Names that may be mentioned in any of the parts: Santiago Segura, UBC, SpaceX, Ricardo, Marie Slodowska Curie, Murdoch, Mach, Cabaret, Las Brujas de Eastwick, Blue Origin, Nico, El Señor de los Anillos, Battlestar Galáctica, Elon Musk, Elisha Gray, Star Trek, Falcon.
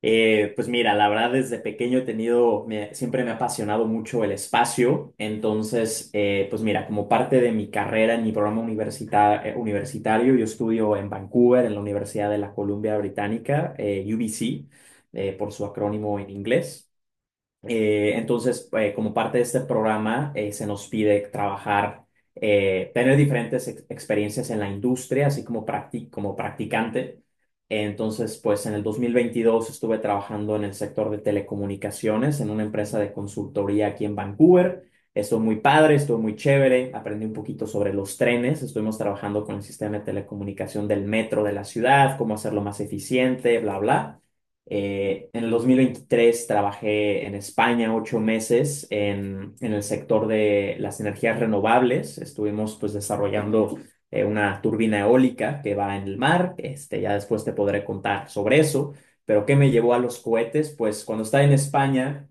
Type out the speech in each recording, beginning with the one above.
Pues mira, la verdad desde pequeño he tenido, siempre me ha apasionado mucho el espacio. Entonces, pues mira, como parte de mi carrera en mi programa universitario, yo estudio en Vancouver, en la Universidad de la Columbia Británica, UBC, por su acrónimo en inglés. Entonces, como parte de este programa, se nos pide trabajar, tener diferentes experiencias en la industria, así como, como practicante. Entonces, pues en el 2022 estuve trabajando en el sector de telecomunicaciones, en una empresa de consultoría aquí en Vancouver. Estuvo muy padre, estuvo muy chévere, aprendí un poquito sobre los trenes, estuvimos trabajando con el sistema de telecomunicación del metro de la ciudad, cómo hacerlo más eficiente, bla, bla. En el 2023 trabajé en España 8 meses en el sector de las energías renovables. Estuvimos pues desarrollando una turbina eólica que va en el mar. Este, ya después te podré contar sobre eso. Pero ¿qué me llevó a los cohetes? Pues cuando estaba en España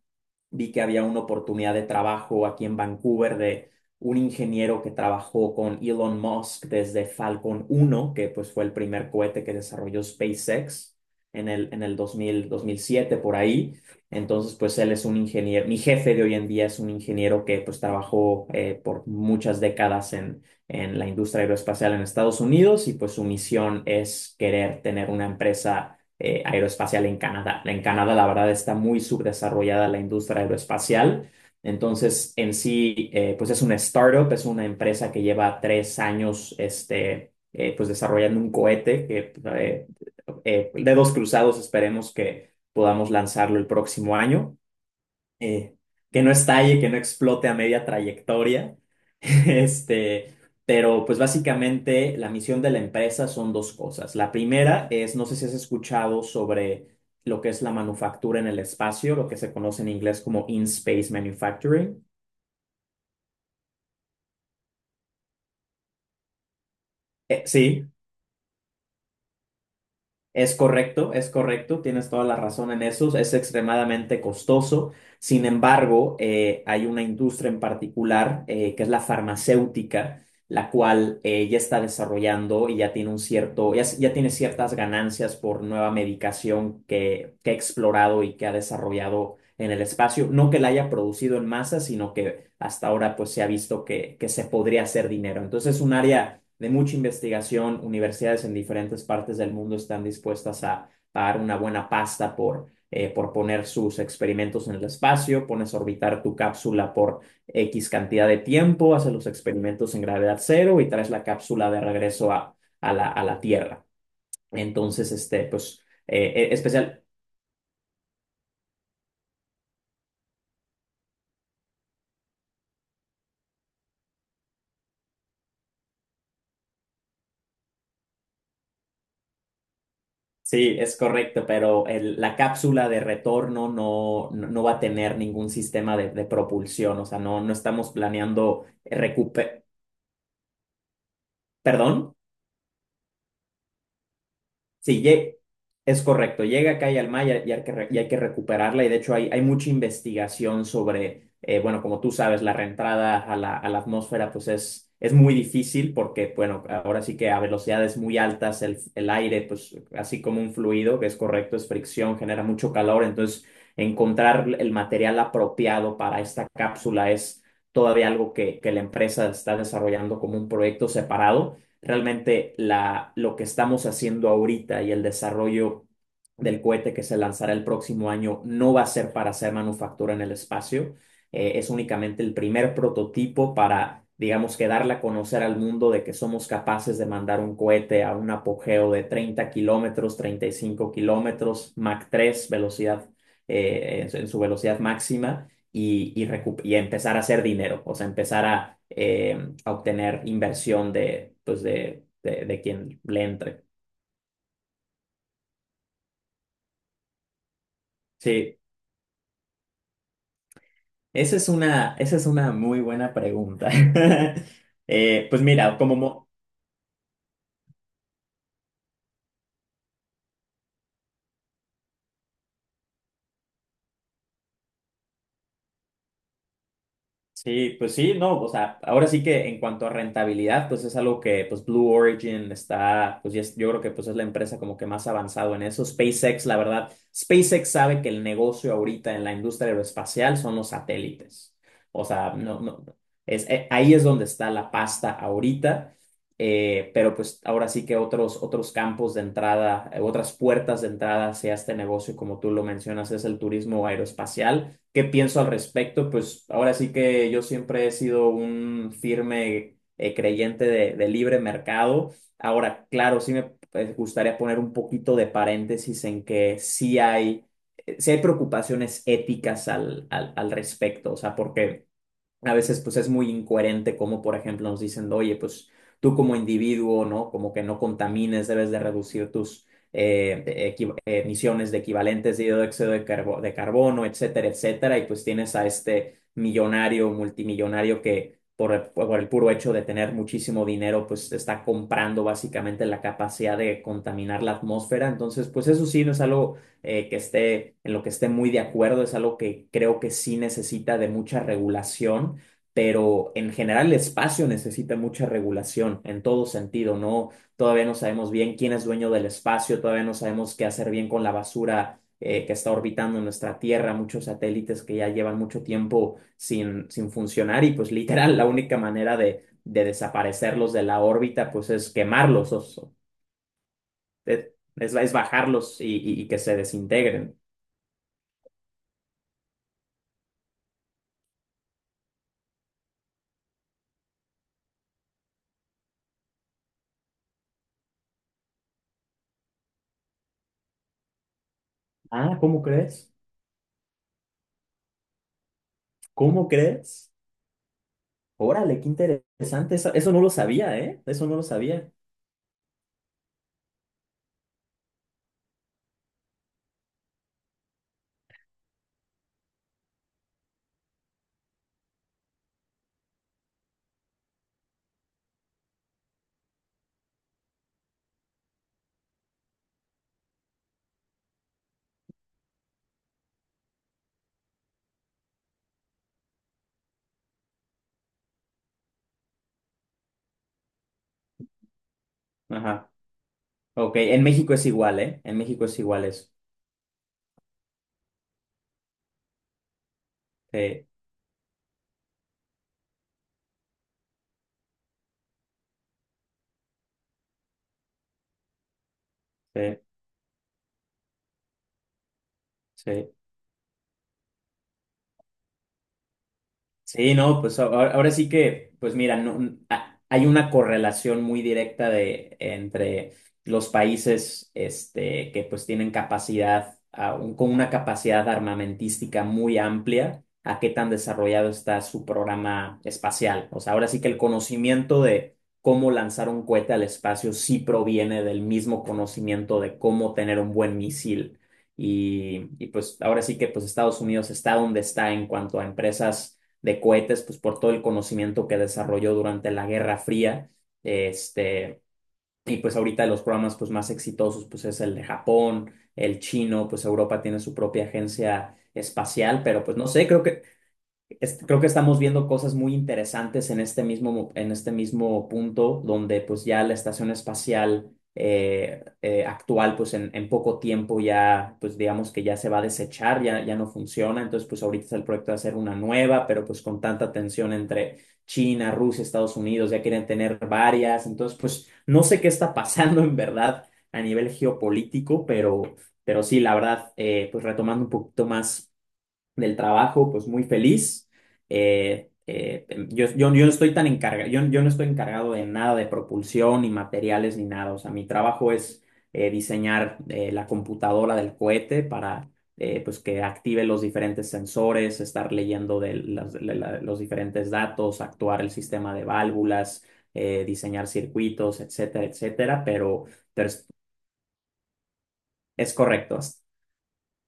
vi que había una oportunidad de trabajo aquí en Vancouver de un ingeniero que trabajó con Elon Musk desde Falcon 1, que pues fue el primer cohete que desarrolló SpaceX en el dos mil siete por ahí. Entonces, pues él es un ingeniero, mi jefe de hoy en día es un ingeniero que pues trabajó por muchas décadas en la industria aeroespacial en Estados Unidos y pues su misión es querer tener una empresa aeroespacial en Canadá. En Canadá, la verdad, está muy subdesarrollada la industria aeroespacial. Entonces, en sí, pues es una startup, es una empresa que lleva 3 años, este, pues desarrollando un cohete que dedos cruzados, esperemos que podamos lanzarlo el próximo año, eh, que no estalle, que no explote a media trayectoria. Este, pero pues básicamente la misión de la empresa son dos cosas. La primera es, no sé si has escuchado sobre lo que es la manufactura en el espacio, lo que se conoce en inglés como in-space manufacturing. Sí. Es correcto, tienes toda la razón en eso, es extremadamente costoso. Sin embargo, hay una industria en particular, que es la farmacéutica, la cual ya está desarrollando y ya tiene un cierto, ya tiene ciertas ganancias por nueva medicación que ha explorado y que ha desarrollado en el espacio. No que la haya producido en masa, sino que hasta ahora pues se ha visto que se podría hacer dinero. Entonces es un área de mucha investigación, universidades en diferentes partes del mundo están dispuestas a pagar una buena pasta por poner sus experimentos en el espacio, pones a orbitar tu cápsula por X cantidad de tiempo, haces los experimentos en gravedad cero y traes la cápsula de regreso a la Tierra. Entonces, este, pues, especial. Sí, es correcto, pero la cápsula de retorno no, no, no va a tener ningún sistema de propulsión, o sea, no, no estamos planeando. Perdón, sí, es correcto. Llega acá y al mar, y hay que recuperarla. Y de hecho hay mucha investigación sobre, bueno, como tú sabes, la reentrada a la atmósfera pues es, muy difícil porque, bueno, ahora sí que a velocidades muy altas el aire, pues así como un fluido, que es correcto, es fricción, genera mucho calor. Entonces, encontrar el material apropiado para esta cápsula es todavía algo que la empresa está desarrollando como un proyecto separado realmente lo que estamos haciendo ahorita y el desarrollo del cohete que se lanzará el próximo año no va a ser para hacer manufactura en el espacio. Es únicamente el primer prototipo para, digamos, que darle a conocer al mundo de que somos capaces de mandar un cohete a un apogeo de 30 kilómetros, 35 kilómetros, Mach 3 velocidad, en su velocidad máxima y, y empezar a hacer dinero, o sea, empezar a obtener inversión pues de quien le entre. Sí, esa es una muy buena pregunta. Pues mira, como. Sí, pues sí, no, o sea, ahora sí que en cuanto a rentabilidad, pues es algo que pues Blue Origin está, pues ya yo creo que pues es la empresa como que más avanzado en eso. SpaceX, la verdad, SpaceX sabe que el negocio ahorita en la industria aeroespacial son los satélites. O sea, no, no, ahí es donde está la pasta ahorita, pero pues ahora sí que otros, otros campos de entrada, otras puertas de entrada hacia este negocio, como tú lo mencionas, es el turismo aeroespacial. ¿Qué pienso al respecto? Pues ahora sí que yo siempre he sido un firme creyente de libre mercado. Ahora, claro, sí me gustaría poner un poquito de paréntesis en que sí hay preocupaciones éticas al respecto, o sea, porque. A veces pues es muy incoherente como por ejemplo nos dicen, oye, pues tú como individuo, ¿no? Como que no contamines, debes de reducir tus emisiones de equivalentes de dióxido de carbono, etcétera, etcétera. Y pues tienes a este millonario, multimillonario que por el, por el, puro hecho de tener muchísimo dinero, pues está comprando básicamente la capacidad de contaminar la atmósfera. Entonces, pues eso sí no es algo en lo que esté muy de acuerdo, es algo que creo que sí necesita de mucha regulación, pero en general el espacio necesita mucha regulación en todo sentido, ¿no? Todavía no sabemos bien quién es dueño del espacio, todavía no sabemos qué hacer bien con la basura que está orbitando en nuestra Tierra, muchos satélites que ya llevan mucho tiempo sin funcionar y pues literal la única manera de desaparecerlos de la órbita pues es quemarlos, es bajarlos y que se desintegren. Ah, ¿cómo crees? ¿Cómo crees? Órale, qué interesante. Eso no lo sabía, ¿eh? Eso no lo sabía. Ajá. Ok, en México es igual, ¿eh? En México es igual eso. Sí, sí, sí. Sí, no, pues ahora, ahora sí que, pues mira, no, hay una correlación muy directa entre los países este, que pues tienen capacidad, con una capacidad armamentística muy amplia, a qué tan desarrollado está su programa espacial. O sea, ahora sí que el conocimiento de cómo lanzar un cohete al espacio sí proviene del mismo conocimiento de cómo tener un buen misil. Y pues ahora sí que pues Estados Unidos está donde está en cuanto a empresas de cohetes, pues por todo el conocimiento que desarrolló durante la Guerra Fría, este, y pues ahorita los programas pues más exitosos pues es el de Japón, el chino, pues Europa tiene su propia agencia espacial, pero pues no sé, creo que creo que estamos viendo cosas muy interesantes en este mismo, en este mismo punto, donde pues ya la estación espacial actual, pues en, poco tiempo ya, pues digamos que ya se va a desechar, ya, ya no funciona, entonces pues ahorita está el proyecto de hacer una nueva, pero pues con tanta tensión entre China, Rusia, Estados Unidos, ya quieren tener varias, entonces pues no sé qué está pasando en verdad a nivel geopolítico, pero sí, la verdad, pues retomando un poquito más del trabajo, pues muy feliz. Yo no estoy tan encargado, yo no estoy encargado de nada de propulsión, ni materiales, ni nada. O sea, mi trabajo es diseñar la computadora del cohete para pues que active los diferentes sensores, estar leyendo de las- de la- los diferentes datos, actuar el sistema de válvulas, diseñar circuitos, etcétera, etcétera. Pero es correcto.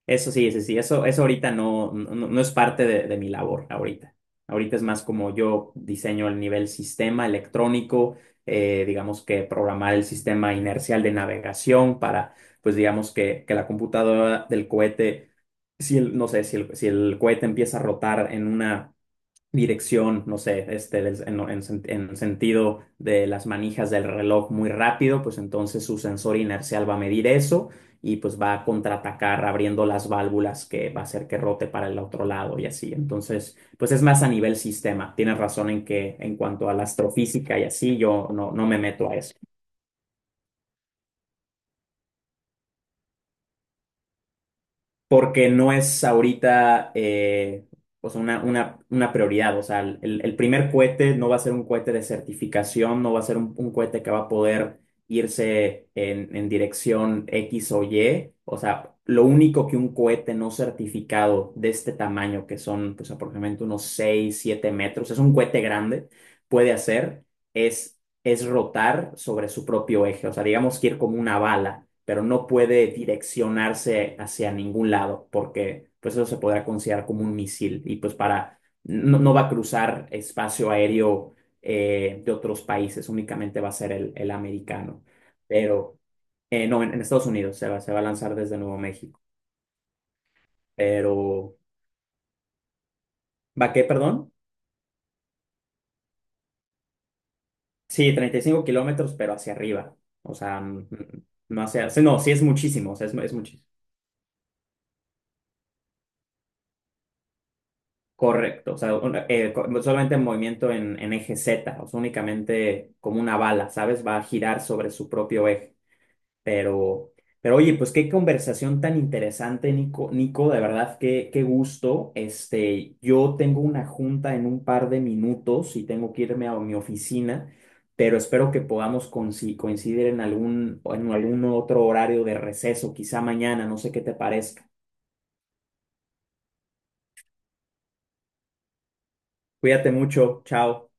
Eso sí, sí, sí, eso ahorita no, no, no no es parte de mi labor ahorita. Ahorita es más como yo diseño el nivel sistema electrónico, digamos que programar el sistema inercial de navegación para, pues digamos que, la computadora del cohete, no sé, si el cohete empieza a rotar en una dirección, no sé, este, en sentido de las manijas del reloj muy rápido, pues entonces su sensor inercial va a medir eso y pues va a contraatacar abriendo las válvulas que va a hacer que rote para el otro lado y así. Entonces, pues es más a nivel sistema. Tienes razón en que en cuanto a la astrofísica y así, yo no, no me meto a eso. Porque no es ahorita o sea, una prioridad. O sea, el primer cohete no va a ser un cohete de certificación, no va a ser un cohete que va a poder irse en, dirección X o Y. O sea, lo único que un cohete no certificado de este tamaño, que son pues, aproximadamente unos 6 7 metros, es un cohete grande, puede hacer es es rotar sobre su propio eje, o sea, digamos que ir como una bala, pero no puede direccionarse hacia ningún lado, porque pues eso se podrá considerar como un misil y pues para, no, no va a cruzar espacio aéreo de otros países, únicamente va a ser el, americano, pero no, en Estados Unidos se va a lanzar desde Nuevo México, pero ¿va qué, perdón? Sí, 35 kilómetros, pero hacia arriba, o sea, no hacia, sí, no, sí es muchísimo, o sea, es muchísimo. Correcto, o sea, solamente en movimiento en eje Z, o sea, únicamente como una bala, ¿sabes? Va a girar sobre su propio eje. Pero, pero oye, pues qué conversación tan interesante, Nico, Nico, de verdad, qué gusto. Este, yo tengo una junta en un par de minutos y tengo que irme a mi oficina, pero espero que podamos coincidir en algún otro horario de receso, quizá mañana, no sé qué te parezca. Cuídate mucho, chao.